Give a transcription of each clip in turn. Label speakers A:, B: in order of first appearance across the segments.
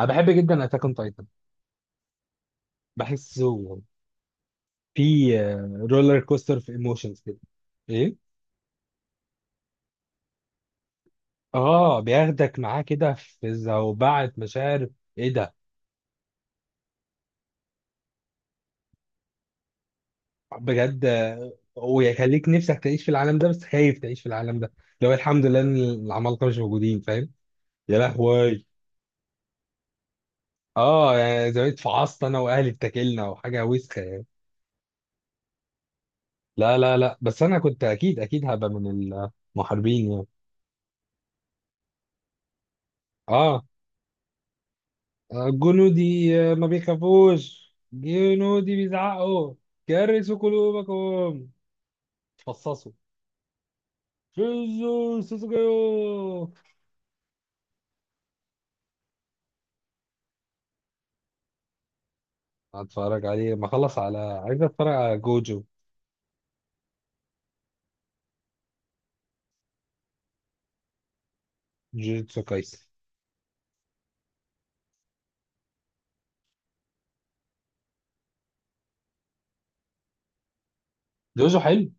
A: انا بحب جدا اتاك اون تايتن. بحسه في رولر كوستر في ايموشنز كده. ايه. اه، بياخدك معاه كده في زوبعة مشاعر. ايه ده؟ بجد ويخليك نفسك تعيش في العالم ده بس خايف تعيش في العالم ده. لو الحمد لله ان العمالقه مش موجودين. فاهم؟ يا لهوي! اه، يعني زمان اتفعصت انا واهلي، اتاكلنا وحاجه وسخه يعني. لا، لا، لا، بس انا كنت اكيد اكيد هبقى من المحاربين يعني. اه. جنودي ما بيخافوش، جنودي بيزعقوا. كرسوا قلوبكم! فصصوا! شيزو سوسوكيو. هتفرج عليه ما خلص، على عايز اتفرج على جوجو. جوجوتسو كايسن. جوجو حلو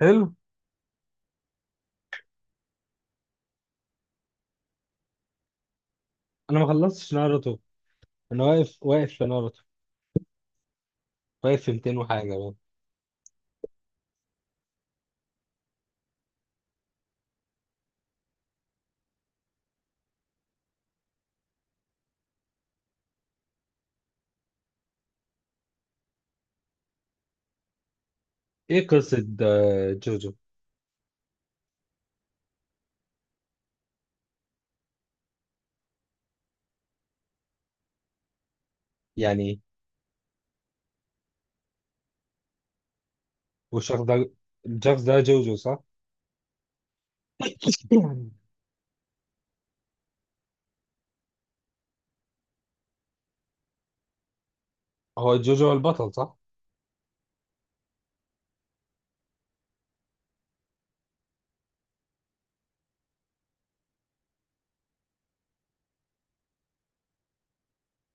A: حلو. انا ما خلصتش ناروتو. انا واقف واقف في ناروتو. واقف في 200 وحاجه بقى. ايه قصه جوجو؟ يعني. والشخص ده. الشخص ده جوجو، صح؟ هو جوجو هو البطل، صح؟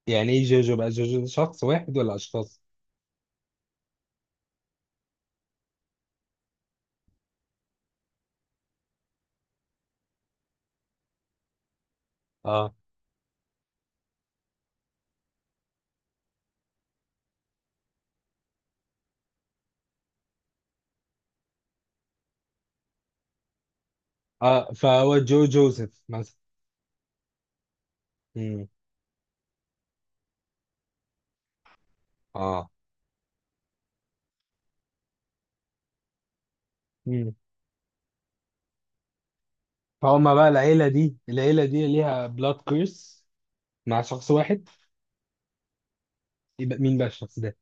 A: يعني ايه جوجو؟ بقى جوجو ده شخص واحد ولا اشخاص؟ اه. اه، فهو جو جوزيف مثلا. امم اه. مم. فهم بقى العيلة دي ليها بلاد كيرس مع شخص واحد. يبقى مين بقى الشخص ده؟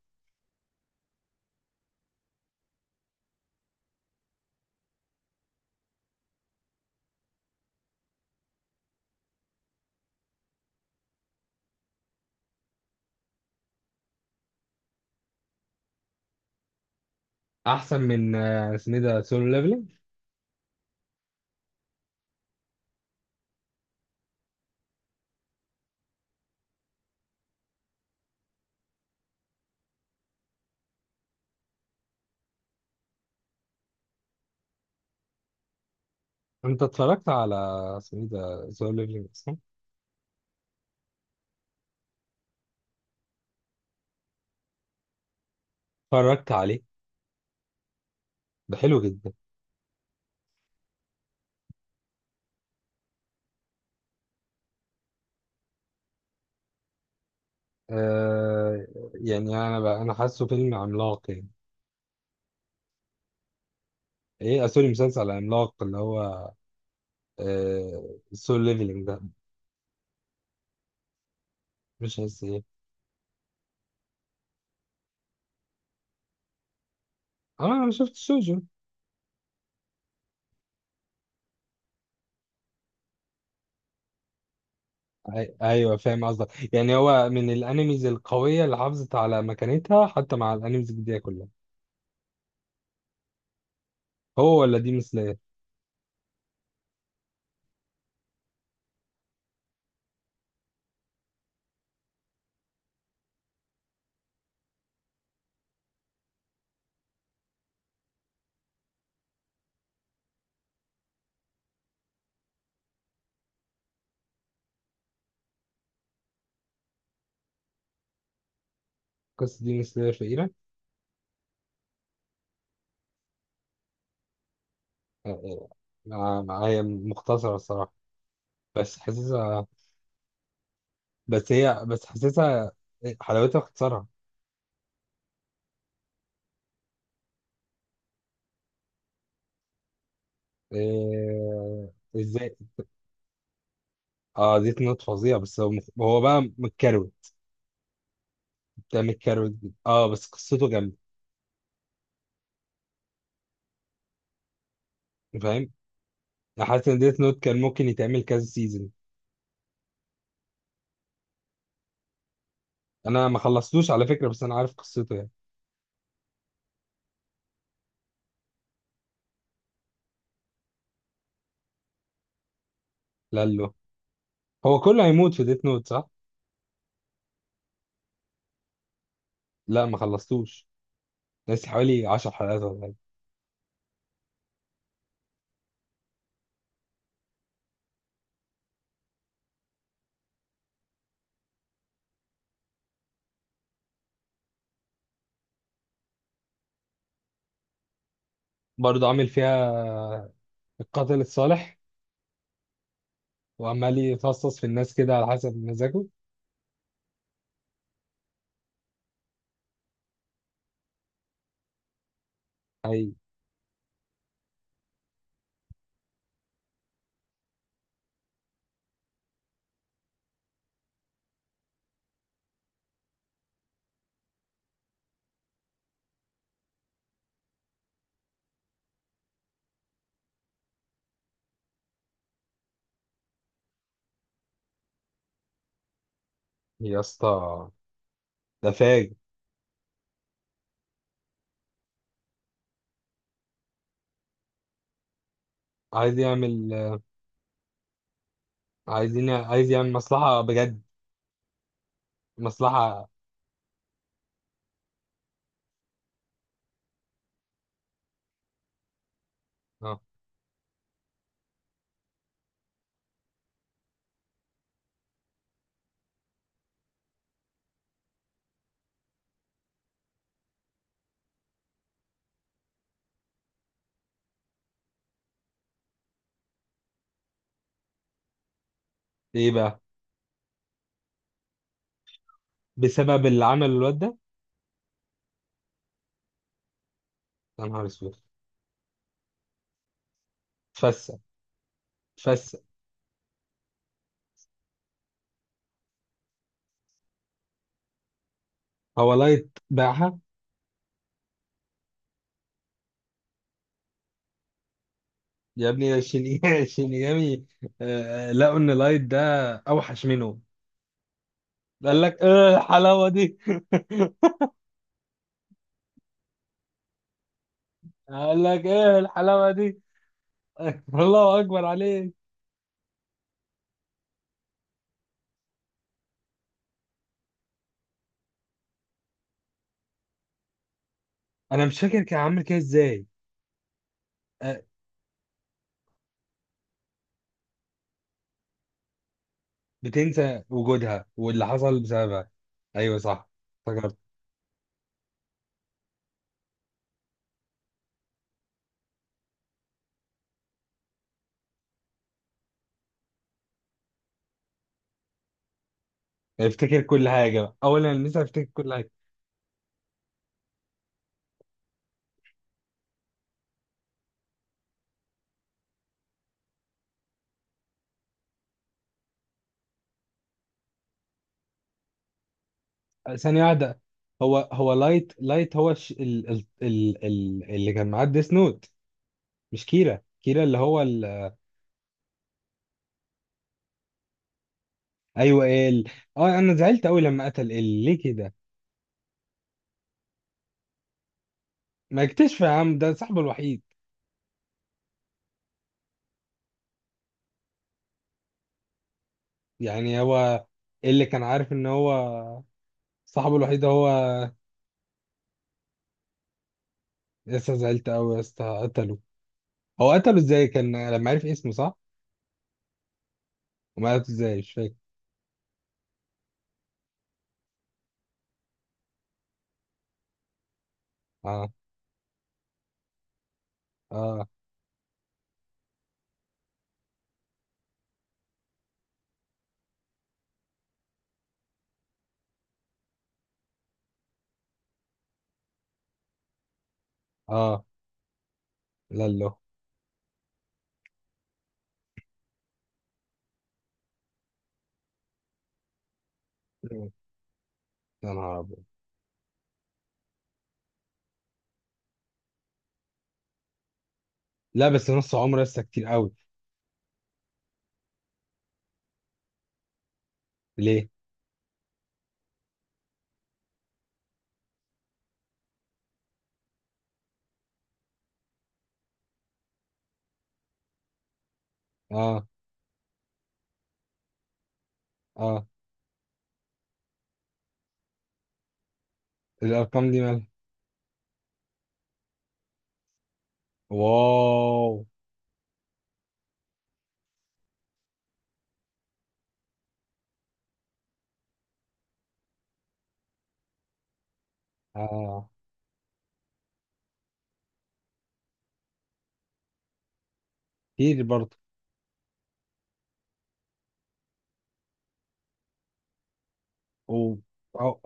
A: أحسن من اسمه إيه ده سولو ليفلينج؟ أنت اتفرجت على اسمه إيه ده سولو ليفلينج أصلا؟ اتفرجت عليه؟ ده حلو جدا. آه. يعني أنا حاسه فيلم عملاق يعني. إيه سوري، مسلسل عملاق اللي هو. آه، سولو ليفلينج ده. مش حاسس إيه؟ آه، أنا ما شفتش. ايوه، فاهم قصدك، يعني هو من الانميز القويه اللي حافظت على مكانتها حتى مع الانميز الجديده كلها. هو ولا ديمون سلاير؟ قصه ديمون سلاير شهيره؟ آه، آه، آه، هي مختصره الصراحه. بس حاسسها. بس حاسسها. حلاوتها في اختصارها. آه، ازاي؟ اه، ديت نوت فظيع، بس هو بقى متكروت. بتاع متكروت جدا. اه، بس قصته جامده. فاهم. حاسس ان ديت نوت كان ممكن يتعمل كذا سيزون. انا ما خلصتوش على فكره، بس انا عارف قصته يعني. لالو. هو كله هيموت في ديت نوت، صح؟ لا، ما خلصتوش. لسه حوالي 10 حلقات ولا حاجة. برضه عامل فيها القاتل الصالح. وعمال يفصص في الناس كده على حسب مزاجه. هي. يا اسطى. ده فاجر. عايز يعمل. عايز يعمل مصلحة بجد. مصلحة. اه. ايه بقى؟ بسبب اللي عمله الواد ده؟ يا نهار اسود! اتفسق، اتفسق! هو لايت باعها؟ يا ابني، شينيجامي! آه، لقوا ان لايت ده اوحش منه. قال لك ايه الحلاوة دي! قال لك ايه الحلاوه دي! الله اكبر عليك. انا مش فاكر كان عامل كده ازاي. أه. بتنسى وجودها واللي حصل بسببها. ايوه، صح. افتكرت. افتكر كل حاجه بقى. اولا لسه افتكر كل حاجه. أه، ثانيه واحده. هو لايت هو الش... ال... ال... ال... ال... اللي كان معاه ديس نوت. مش كيرا اللي هو ايوه، إيه ال. اه، انا زعلت قوي لما قتل ال. ليه كده؟ ما اكتشف يا عم، ده صاحبه الوحيد. يعني هو. اللي كان عارف ان هو صاحبه الوحيد هو. يا اسطى، زعلت قوي يا اسطى قتله. هو قتله ازاي؟ كان لما عرف اسمه، صح؟ وما قتله ازاي مش فاكر. اه، اه، اه. لا، لا. يا نهار ابيض! لا، بس نص عمره لسه كتير قوي. ليه؟ اه، اه. الارقام دي مالها؟ واو. اه. كتير برضه. و- هو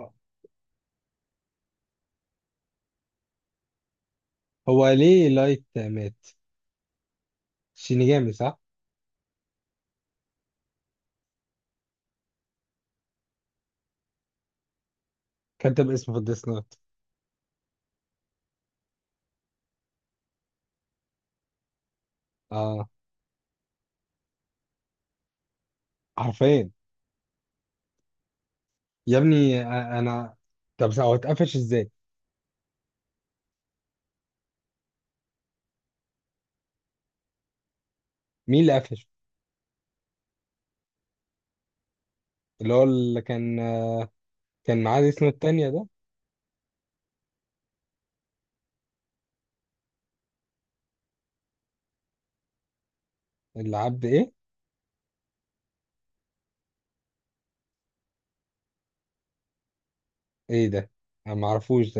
A: هو ليه لايت مات؟ شينيجامي، صح؟ كتب اسمه في الديس نوت؟ اه. حرفيا. يا ابني، انا. طب هو اتقفش ازاي؟ مين اللي قفشه؟ اللي كان كان معاه دي، اسمه التانية ده. اللي عبد ايه؟ ايه ده؟ انا معرفوش.